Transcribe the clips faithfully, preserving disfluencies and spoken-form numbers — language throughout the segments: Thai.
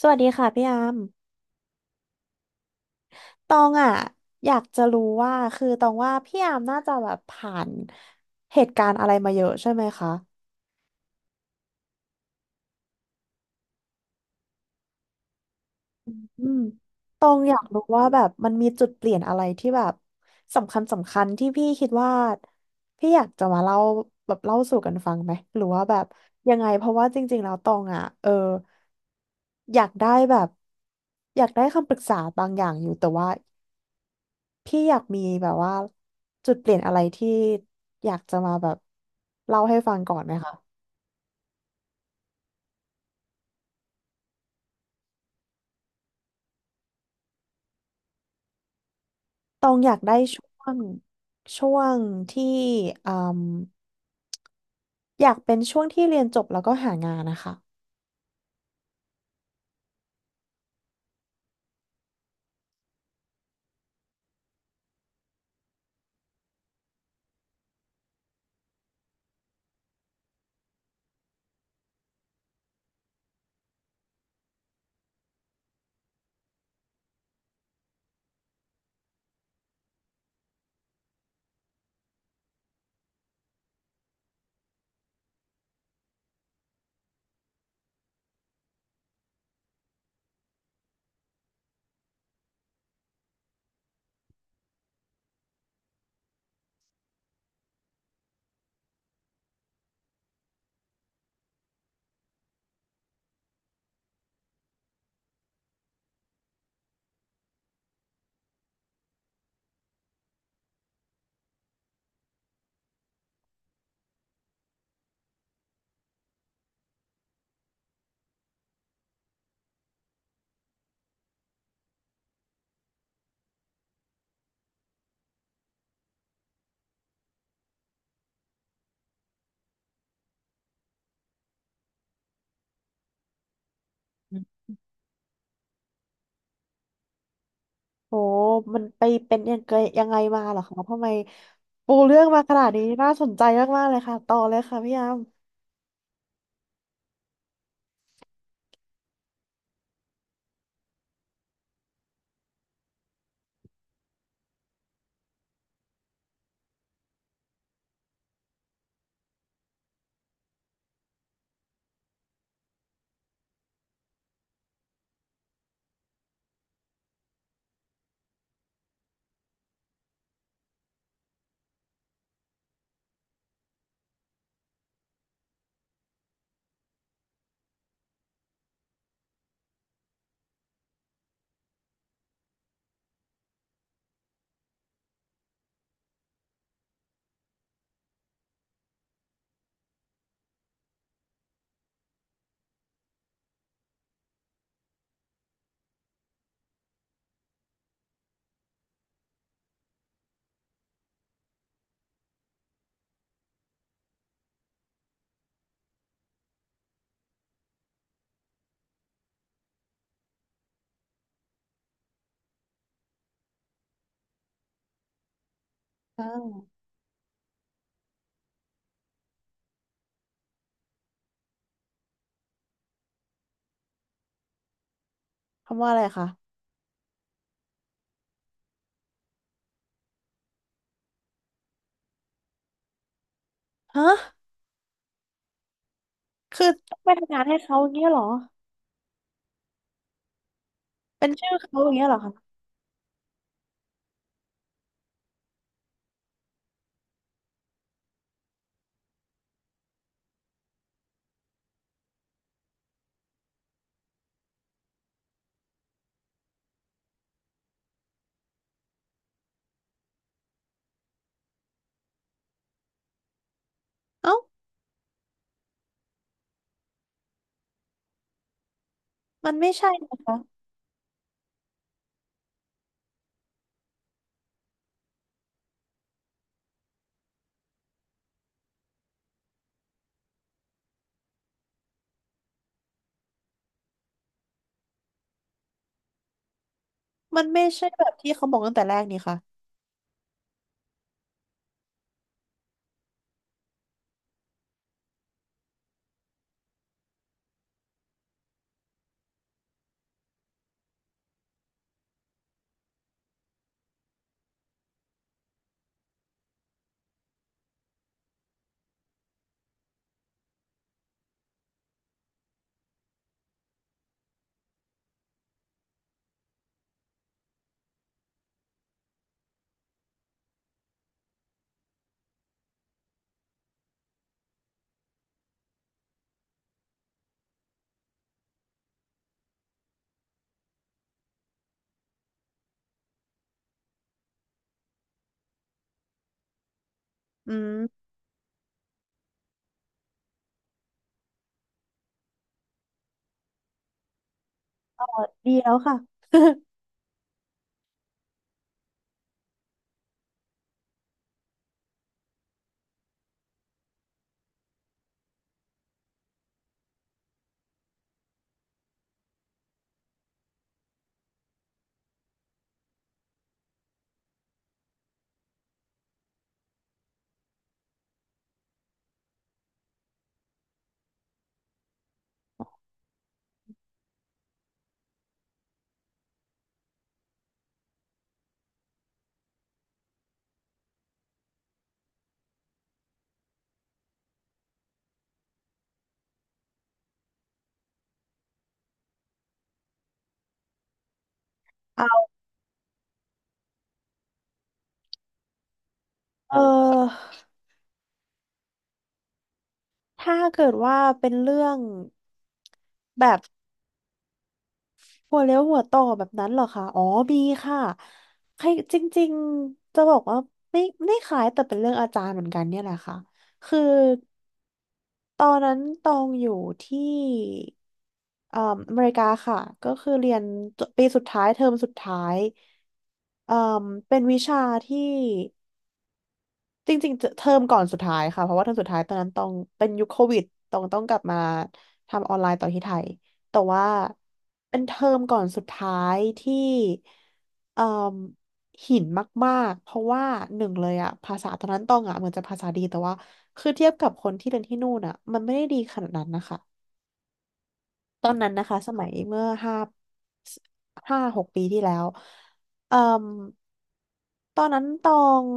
สวัสดีค่ะพี่อามตองอ่ะอยากจะรู้ว่าคือตองว่าพี่อามน่าจะแบบผ่านเหตุการณ์อะไรมาเยอะใช่ไหมคะอืมตองอยากรู้ว่าแบบมันมีจุดเปลี่ยนอะไรที่แบบสำคัญสำคัญที่พี่คิดว่าพี่อยากจะมาเล่าแบบเล่าสู่กันฟังไหมหรือว่าแบบยังไงเพราะว่าจริงๆแล้วตองอ่ะเอออยากได้แบบอยากได้คำปรึกษาบางอย่างอยู่แต่ว่า พี่อยากมีแบบว่าจุดเปลี่ยนอะไรที่อยากจะมาแบบเล่าให้ฟังก่อนไหมคะตองอยากได้ช่วงช่วงที่อืมอยากเป็นช่วงที่เรียนจบแล้วก็หางานนะคะโอ้มันไปเป็นยังไงยังไงมาเหรอคะทำไมปูเรื่องมาขนาดนี้น่าสนใจมากๆเลยค่ะต่อเลยค่ะพี่ยามอ้าวคำว่าอะไรคะฮะคือต้องไปทำงานให้เขาอย่างเงี้ยเหรอเป็นชื่อเขาอย่างเงี้ยเหรอคะเอ้ามันไม่ใช่นะคะ มันไม่ใช่แบบที่เขาบอกตั้งแต่แรกนี่ค่ะอืมเดีแล้วค่ะ เอาเออถ้าเกิดว่าเป็นเรื่องแบบหัวเลี้ยวหัวต่อแบบนั้นเหรอคะอ๋อมีค่ะใครจริงๆ จะบอกว่าไม่ไม่ขายแต่เป็นเรื่องอาจารย์เหมือนกันเนี่ยแหละค่ะคือตอนนั้นตองอยู่ที่เอ่ออเมริกาค่ะก็คือเรียนปีสุดท้ายเทอมสุดท้ายเอ่อเป็นวิชาที่ จริงๆเจเทอมก่อนสุดท้ายค่ะเพราะว่าเทอมสุดท้ายตอนนั้นต้องเป็นยุคโควิดต้องต้องกลับมาทำออนไลน์ต่อที่ไทยแต่ว่าเป็นเทอมก่อนสุดท้ายที่เอ่มหินมากๆเพราะว่าหนึ่งเลยอะภาษาตอนนั้นต้องอะเหมือนจะภาษาดีแต่ว่าคือเทียบกับคนที่เรียนที่นู่นอะมันไม่ได้ดีขนาดนั้นนะคะ ตอนนั้นนะคะสมัยเมื่อห้าห้าหกปีที่แล้วเอ่มตอนนั้นตอง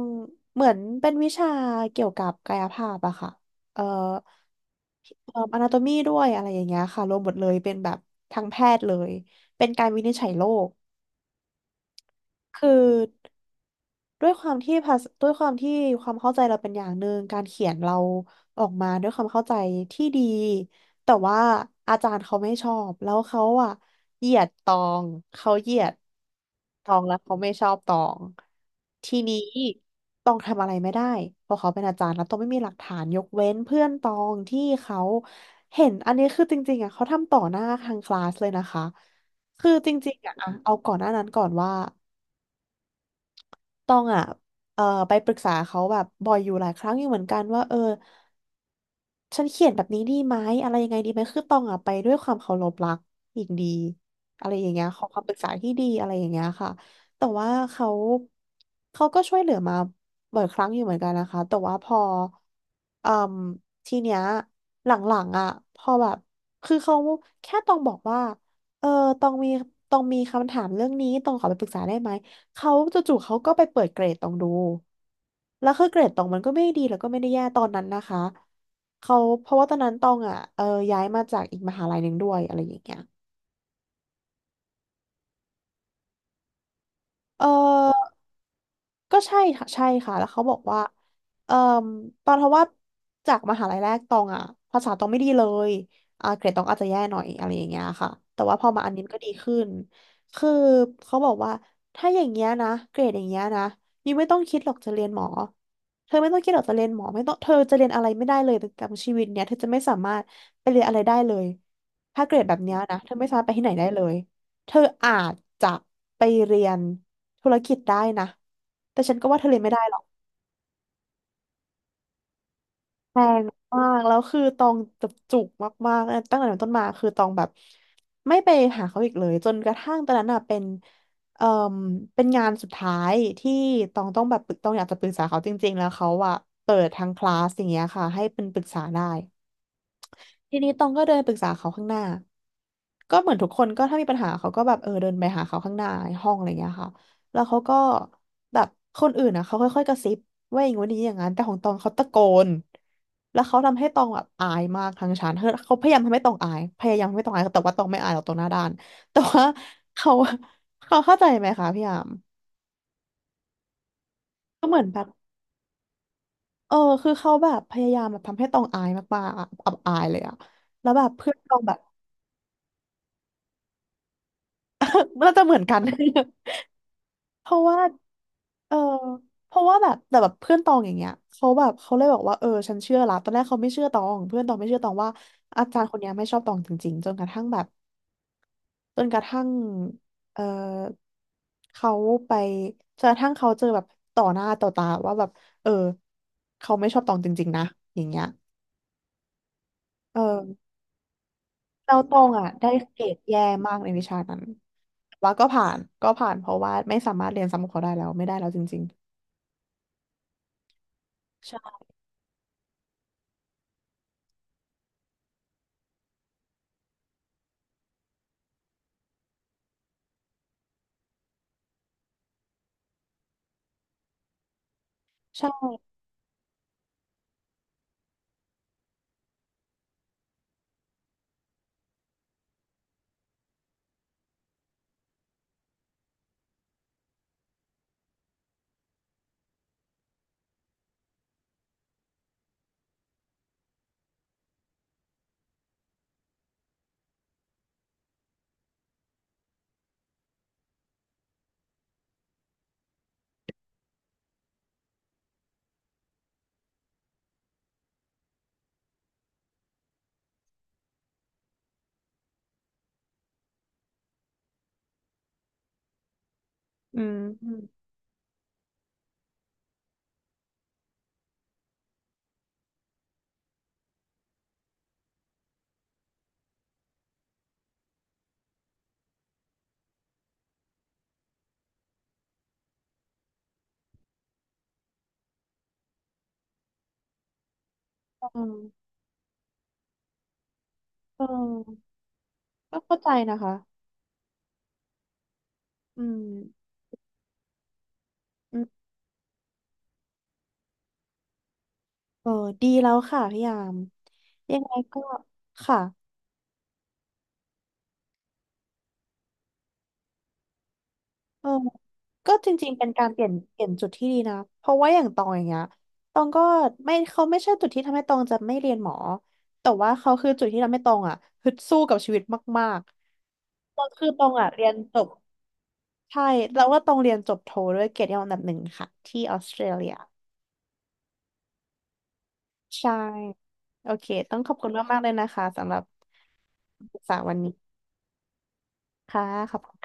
เหมือนเป็นวิชาเกี่ยวกับกายภาพอะค่ะเอ่อเอ่ออนาโตมีด้วยอะไรอย่างเงี้ยค่ะรวมหมดเลยเป็นแบบทางแพทย์เลยเป็นการวินิจฉัยโรคคือ ด้วยความที่ภาษาด้วยความที่ความเข้าใจเราเป็นอย่างหนึ่งการเขียนเราออกมาด้วยความเข้าใจที่ดีแต่ว่าอาจารย์เขาไม่ชอบแล้วเขาอะเหยียดตองเขาเหยียดตองแล้วเขาไม่ชอบตองทีนี้ตองทำอะไรไม่ได้เพราะเขาเป็นอาจารย์แล้วตองไม่มีหลักฐานยกเว้นเพื่อนตองที่เขาเห็นอันนี้คือจริงๆอะเขาทำต่อหน้าทางคลาสเลยนะคะคือจริงๆอะอะเอาก่อนหน้านั้นก่อนว่า ตองอ่ะเอ่อไปปรึกษาเขาแบบบ่อยอยู่หลายครั้งอยู่เหมือนกันว่าเออฉันเขียนแบบนี้ดีไหมอะไรยังไงดีไหมคือตองอ่ะไปด้วยความเคารพรักอีกดีอะไรอย่างเงี้ยขอความปรึกษาที่ดีอะไรอย่างเงี้ยค่ะแต่ว่าเขาเขาก็ช่วยเหลือมาบ่อยครั้งอยู่เหมือนกันนะคะแต่ว่าพอเอ่มทีเนี้ยหลังๆอ่ะพอแบบคือเขาแค่ตองบอกว่าเออตองมีตองมีคำถามเรื่องนี้ตองขอไปปรึกษาได้ไหม เขาจู่ๆเขาก็ไปเปิดเกรดตองดู แล้วคือเกรดตองมันก็ไม่ได้ดีแล้วก็ไม่ได้แย่ตอนนั้นนะคะ เขาเพราะว่าตอนนั้นตองอ่ะ เออย้ายมาจากอีกมหาลัยหนึ่งด้วยอะไรอย่างเงี้ยเออ ก็ใช่ค่ะใช่ค่ะแล้วเขาบอกว่าเอ่อตอนเพราะว่าจากมหาลัยแรกตองอ่ะภาษาตองไม่ดีเลยอ่าเกรดตองอาจจะแย่หน่อยอะไรอย่างเงี้ยค่ะ แต่ว่าพอมาอันนี้มันก็ดีขึ้นคือเขาบอกว่าถ้าอย่างเงี้ยนะเกรดอย่างเงี้ยนะยูไม่ต้องคิดหรอกจะเรียนหมอเธอไม่ต้องคิดหรอกจะเรียนหมอไม่ต้องเธอจะเรียนอะไรไม่ได้เลยแต่ชีวิตเนี้ยเธอจะไม่สามารถไปเรียนอะไรได้เลยถ้าเกรดแบบเนี้ยนะเธอไม่สามารถไปที่ไหนได้เลย เธออาจจะไปเรียนธุรกิจได้นะ แต่ฉันก็ว่าเธอเรียนไม่ได้หรอกแพงมากแล้วคือตองจุกจุกมากๆตั้งแต่นั้นต้นมาคือตองแบบไม่ไปหาเขาอีกเลยจนกระทั่งตอนนั้นอ่ะเป็นเอ่อเป็นงานสุดท้ายที่ตองต้องแบบปรึกตองอยากจะปรึกษาเขาจริงๆ แล้วเขาอ่ะเปิดทางคลาสอย่างเงี้ยค่ะให้เป็นปรึกษาได้ ทีนี้ตองก็เดินปรึกษาเขาข้างหน้าก็เหมือนทุกคนก็ถ้ามีปัญหาเขาก็แบบเออเดินไปหาเขาข้างหน้าห้องอะไรเงี้ยค่ะแล้วเขาก็แบบคนอื่นอ่ะเขาค่อยๆกระซิบว่าอย่างงู้นอย่างนี้อย่างนั้นแต่ของตองเขาตะโกนแล้วเขาทำให้ตองแบบอายมากทางชั้นเขาเขาพยายามทำให้ตองอายพยายามทำให้ตองอายแต่ว่าตองไม่อายหรอกตองหน้าด้านแต่ว่าเขาเขาเข้าใจไหมคะพี่ยามก็เหมือนแบบเออคือเขาแบบพยายามแบบทำให้ตองอายมากๆอะอับอายเลยอะแล้วแบบเพื่อนตองแบบ น่าจะเหมือนกัน เพราะว่าเออเพราะว่าแบบแต่แบบเพื่อนตองอย่างเงี้ยเขาแบบเขาเลยบอกว่าเออฉันเชื่อละตอนแรกเขาไม่เชื่อตองเพื่อนตองไม่เชื่อตองว่าอาจารย์คนเนี้ยไม่ชอบตองจริงๆจนกระทั่งแบบจนกระทั่งเออเขาไปจนกระทั่งเขาเจอแบบต่อหน้าต่อตาว่าแบบเออเขาไม่ชอบตองจริงๆนะอย่างเงี้ยเออแล้วตองอ่ะได้เกรดแย่มากในวิชานั้นแต่ว่าก็ผ่านก็ผ่านเพราะว่าไม่สามารถเรียนซ้ำกับเขาได้แล้วไม่ได้แล้วจริงๆใช่ ใช่อืม อืมเออก็เข้าใจนะคะอืมอืมเออดีแล้วค่ะพี่ยามยังไงก็ค่ะเออก็จริงๆเป็นการเปลี่ยนเปลี่ยนจุดที่ดีนะเพราะว่าอย่างตองอย่างเงี้ยตองก็ไม่เขาไม่ใช่จุดที่ทำให้ตองจะไม่เรียนหมอแต่ว่าเขาคือจุดที่ทำให้ตองอ่ะฮึดสู้กับชีวิตมากๆตองคือตองอ่ะเรียนจบใช่แล้วว่าตองเรียนจบโทด้วยเกียรตินิยมอันดับหนึ่งค่ะที่ออสเตรเลีย ใช่โอเคต้องขอบคุณมากๆเลยนะคะสำหรับปรึกษาวันนี้ค่ะขอบคุณ